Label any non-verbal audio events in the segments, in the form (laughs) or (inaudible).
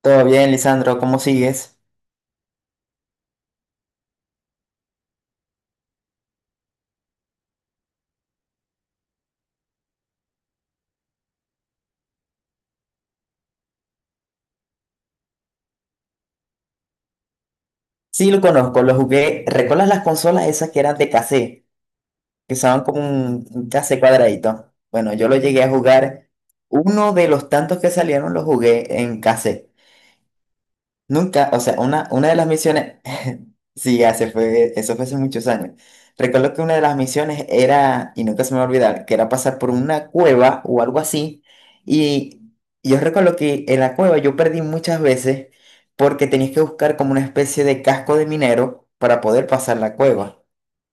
Todo bien, Lisandro, ¿cómo sigues? Sí, lo conozco, lo jugué. ¿Recuerdas las consolas esas que eran de cassette? Que usaban como un cassette cuadradito. Bueno, yo lo llegué a jugar. Uno de los tantos que salieron lo jugué en cassette. Nunca, o sea, una de las misiones, (laughs) sí, eso fue hace muchos años. Recuerdo que una de las misiones era, y nunca se me va a olvidar, que era pasar por una cueva o algo así. Y yo recuerdo que en la cueva yo perdí muchas veces porque tenías que buscar como una especie de casco de minero para poder pasar la cueva.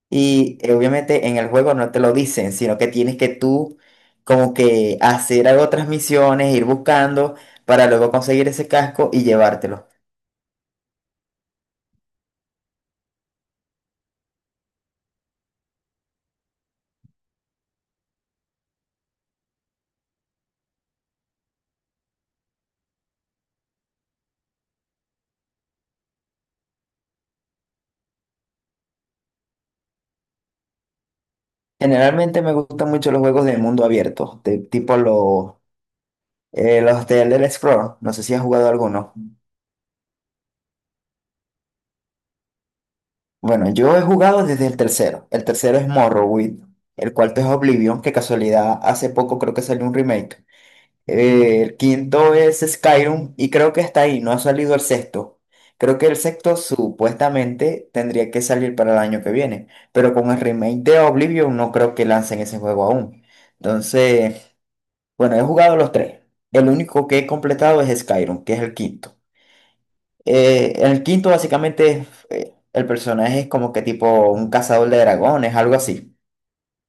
Y obviamente en el juego no te lo dicen, sino que tienes que tú como que hacer otras misiones, ir buscando para luego conseguir ese casco y llevártelo. Generalmente me gustan mucho los juegos de mundo abierto, tipo los de Elder Scrolls. No sé si has jugado alguno. Bueno, yo he jugado desde el tercero. El tercero es Morrowind. El cuarto es Oblivion, que casualidad hace poco creo que salió un remake. El quinto es Skyrim y creo que está ahí, no ha salido el sexto. Creo que el sexto supuestamente tendría que salir para el año que viene, pero con el remake de Oblivion no creo que lancen ese juego aún. Entonces... Bueno, he jugado los tres. El único que he completado es Skyrim, que es el quinto. En el quinto básicamente el personaje es como que tipo un cazador de dragones, algo así.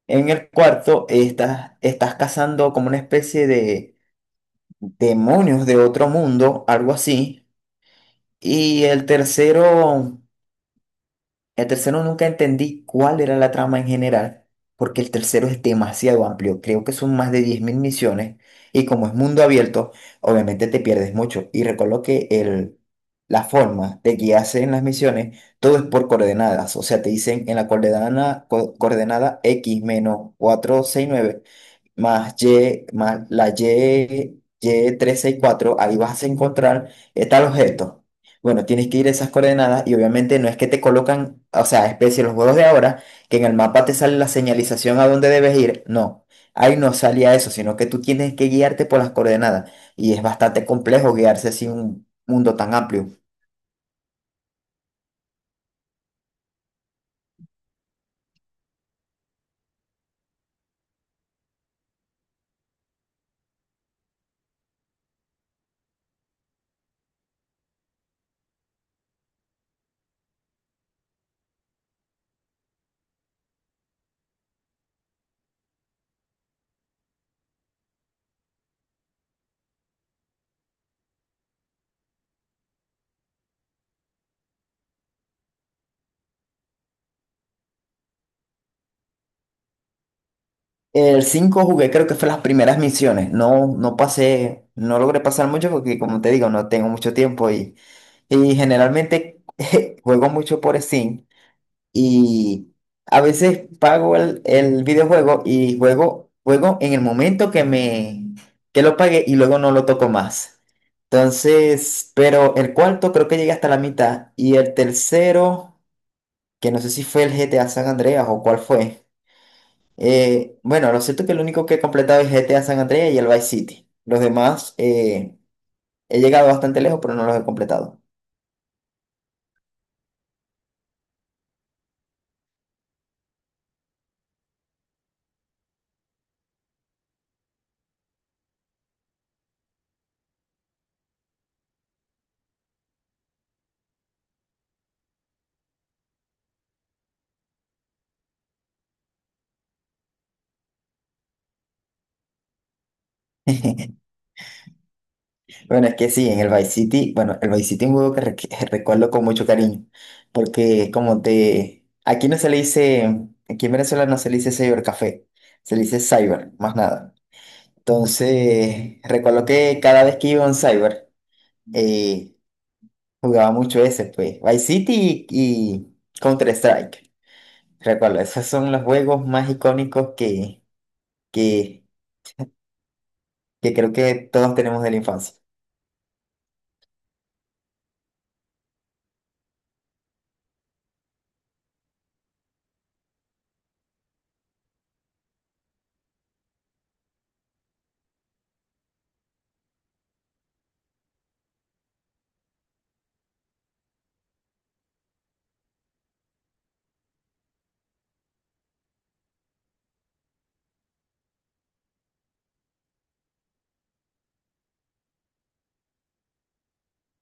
En el cuarto estás cazando como una especie de demonios de otro mundo, algo así. Y el tercero... El tercero nunca entendí cuál era la trama en general, porque el tercero es demasiado amplio. Creo que son más de 10.000 misiones y como es mundo abierto, obviamente te pierdes mucho. Y recuerdo que la forma de guiarse en las misiones, todo es por coordenadas. O sea, te dicen en la coordenada, coordenada X menos más Y, más la Y, y 364 ahí vas a encontrar tal objeto. Bueno, tienes que ir a esas coordenadas y obviamente no es que te colocan, o sea, especie los juegos de ahora, que en el mapa te sale la señalización a dónde debes ir. No, ahí no salía eso, sino que tú tienes que guiarte por las coordenadas. Y es bastante complejo guiarse así en un mundo tan amplio. El 5 jugué, creo que fue las primeras misiones. No, no pasé, no logré pasar mucho porque, como te digo, no tengo mucho tiempo y generalmente (laughs) juego mucho por Steam y a veces pago el videojuego y juego en el momento que que lo pagué y luego no lo toco más. Entonces, pero el cuarto creo que llegué hasta la mitad y el tercero, que no sé si fue el GTA San Andreas o cuál fue. Bueno, lo cierto es que el único que he completado es GTA San Andreas y el Vice City. Los demás he llegado bastante lejos, pero no los he completado. (laughs) Bueno, es que sí, en el Vice City, bueno, el Vice City es un juego que que (laughs) recuerdo con mucho cariño, porque como te, aquí no se le dice, aquí en Venezuela no se le dice cybercafé, se le dice cyber, más nada. Entonces, recuerdo que cada vez que iba a un cyber, eh, jugaba mucho ese, pues, Vice City y Counter-Strike. Recuerdo, esos son los juegos más icónicos que, que, que creo que todos tenemos de la infancia.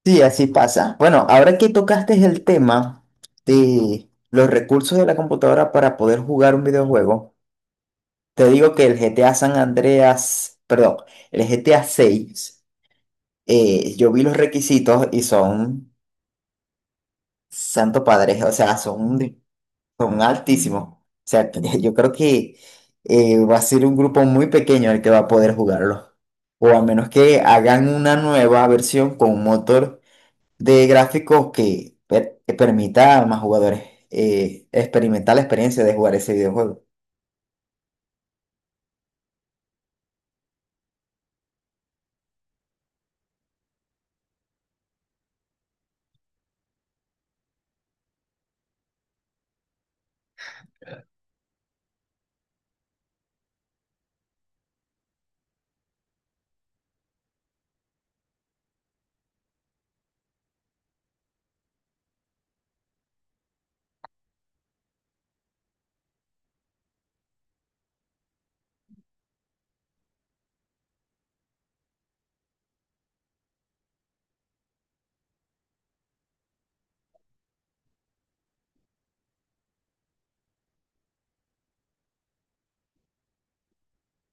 Sí, así pasa. Bueno, ahora que tocaste el tema de los recursos de la computadora para poder jugar un videojuego, te digo que el GTA San Andreas, perdón, el GTA 6, yo vi los requisitos y son santo padre, o sea, son altísimos. O sea, (laughs) yo creo que va a ser un grupo muy pequeño el que va a poder jugarlo. O a menos que hagan una nueva versión con un motor de gráficos que, que permita a más jugadores experimentar la experiencia de jugar ese videojuego.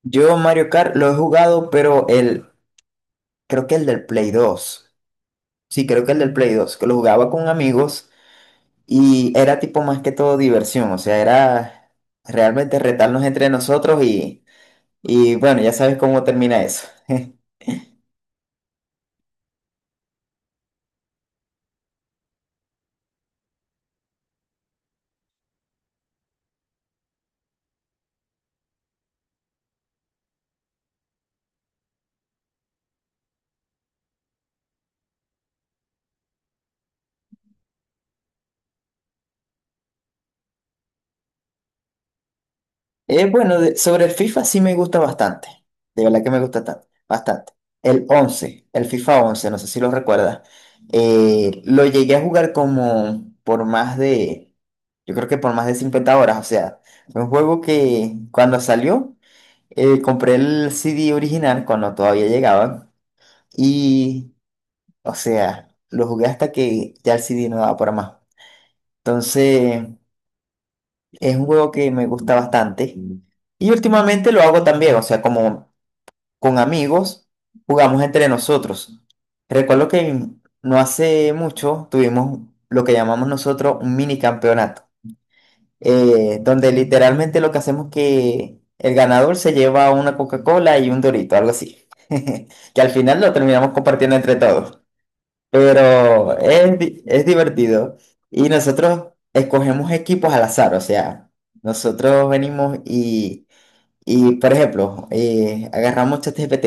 Yo Mario Kart lo he jugado, pero creo que el del Play 2, sí, creo que el del Play 2, que lo jugaba con amigos y era tipo más que todo diversión. O sea, era realmente retarnos entre nosotros. Y bueno, ya sabes cómo termina eso. (laughs) Bueno, sobre el FIFA sí me gusta bastante. De verdad que me gusta bastante. El FIFA 11 no sé si lo recuerdas. Lo llegué a jugar como por yo creo que por más de 50 horas. O sea, fue un juego que cuando salió, compré el CD original cuando todavía llegaba. Y, o sea, lo jugué hasta que ya el CD no daba para más. Entonces... Es un juego que me gusta bastante. Y últimamente lo hago también, o sea, como con amigos, jugamos entre nosotros. Recuerdo que no hace mucho tuvimos lo que llamamos nosotros un mini campeonato, donde literalmente lo que hacemos es que el ganador se lleva una Coca-Cola y un Dorito, algo así. (laughs) Que al final lo terminamos compartiendo entre todos. Pero es divertido. Y nosotros escogemos equipos al azar, o sea, nosotros venimos y, por ejemplo, agarramos ChatGPT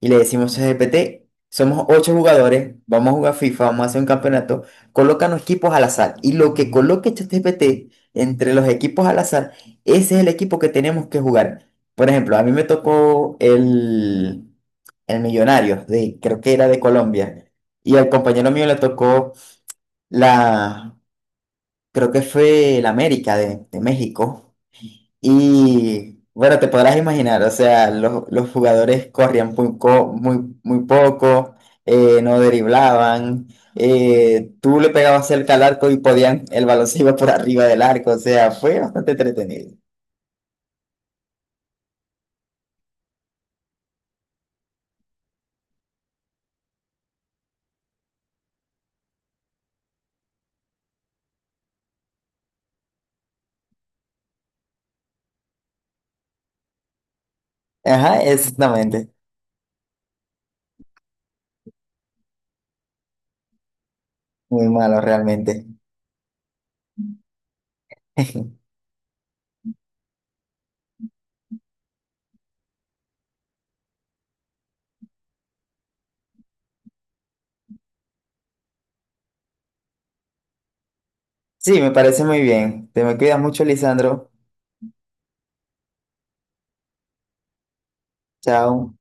y le decimos ChatGPT, somos ocho jugadores, vamos a jugar FIFA, vamos a hacer un campeonato, colócanos equipos al azar. Y lo que coloque ChatGPT entre los equipos al azar, ese es el equipo que tenemos que jugar. Por ejemplo, a mí me tocó el Millonario, de, creo que era de Colombia, y al compañero mío le tocó la, creo que fue el América de México. Y bueno, te podrás imaginar, o sea, los jugadores corrían muy, muy, muy poco, no driblaban, tú le pegabas cerca al arco y podían, el balón se iba por arriba del arco, o sea, fue bastante entretenido. Ajá, exactamente, muy malo realmente. (laughs) Sí, me parece muy bien. Te me cuidas mucho, Lisandro. Chao.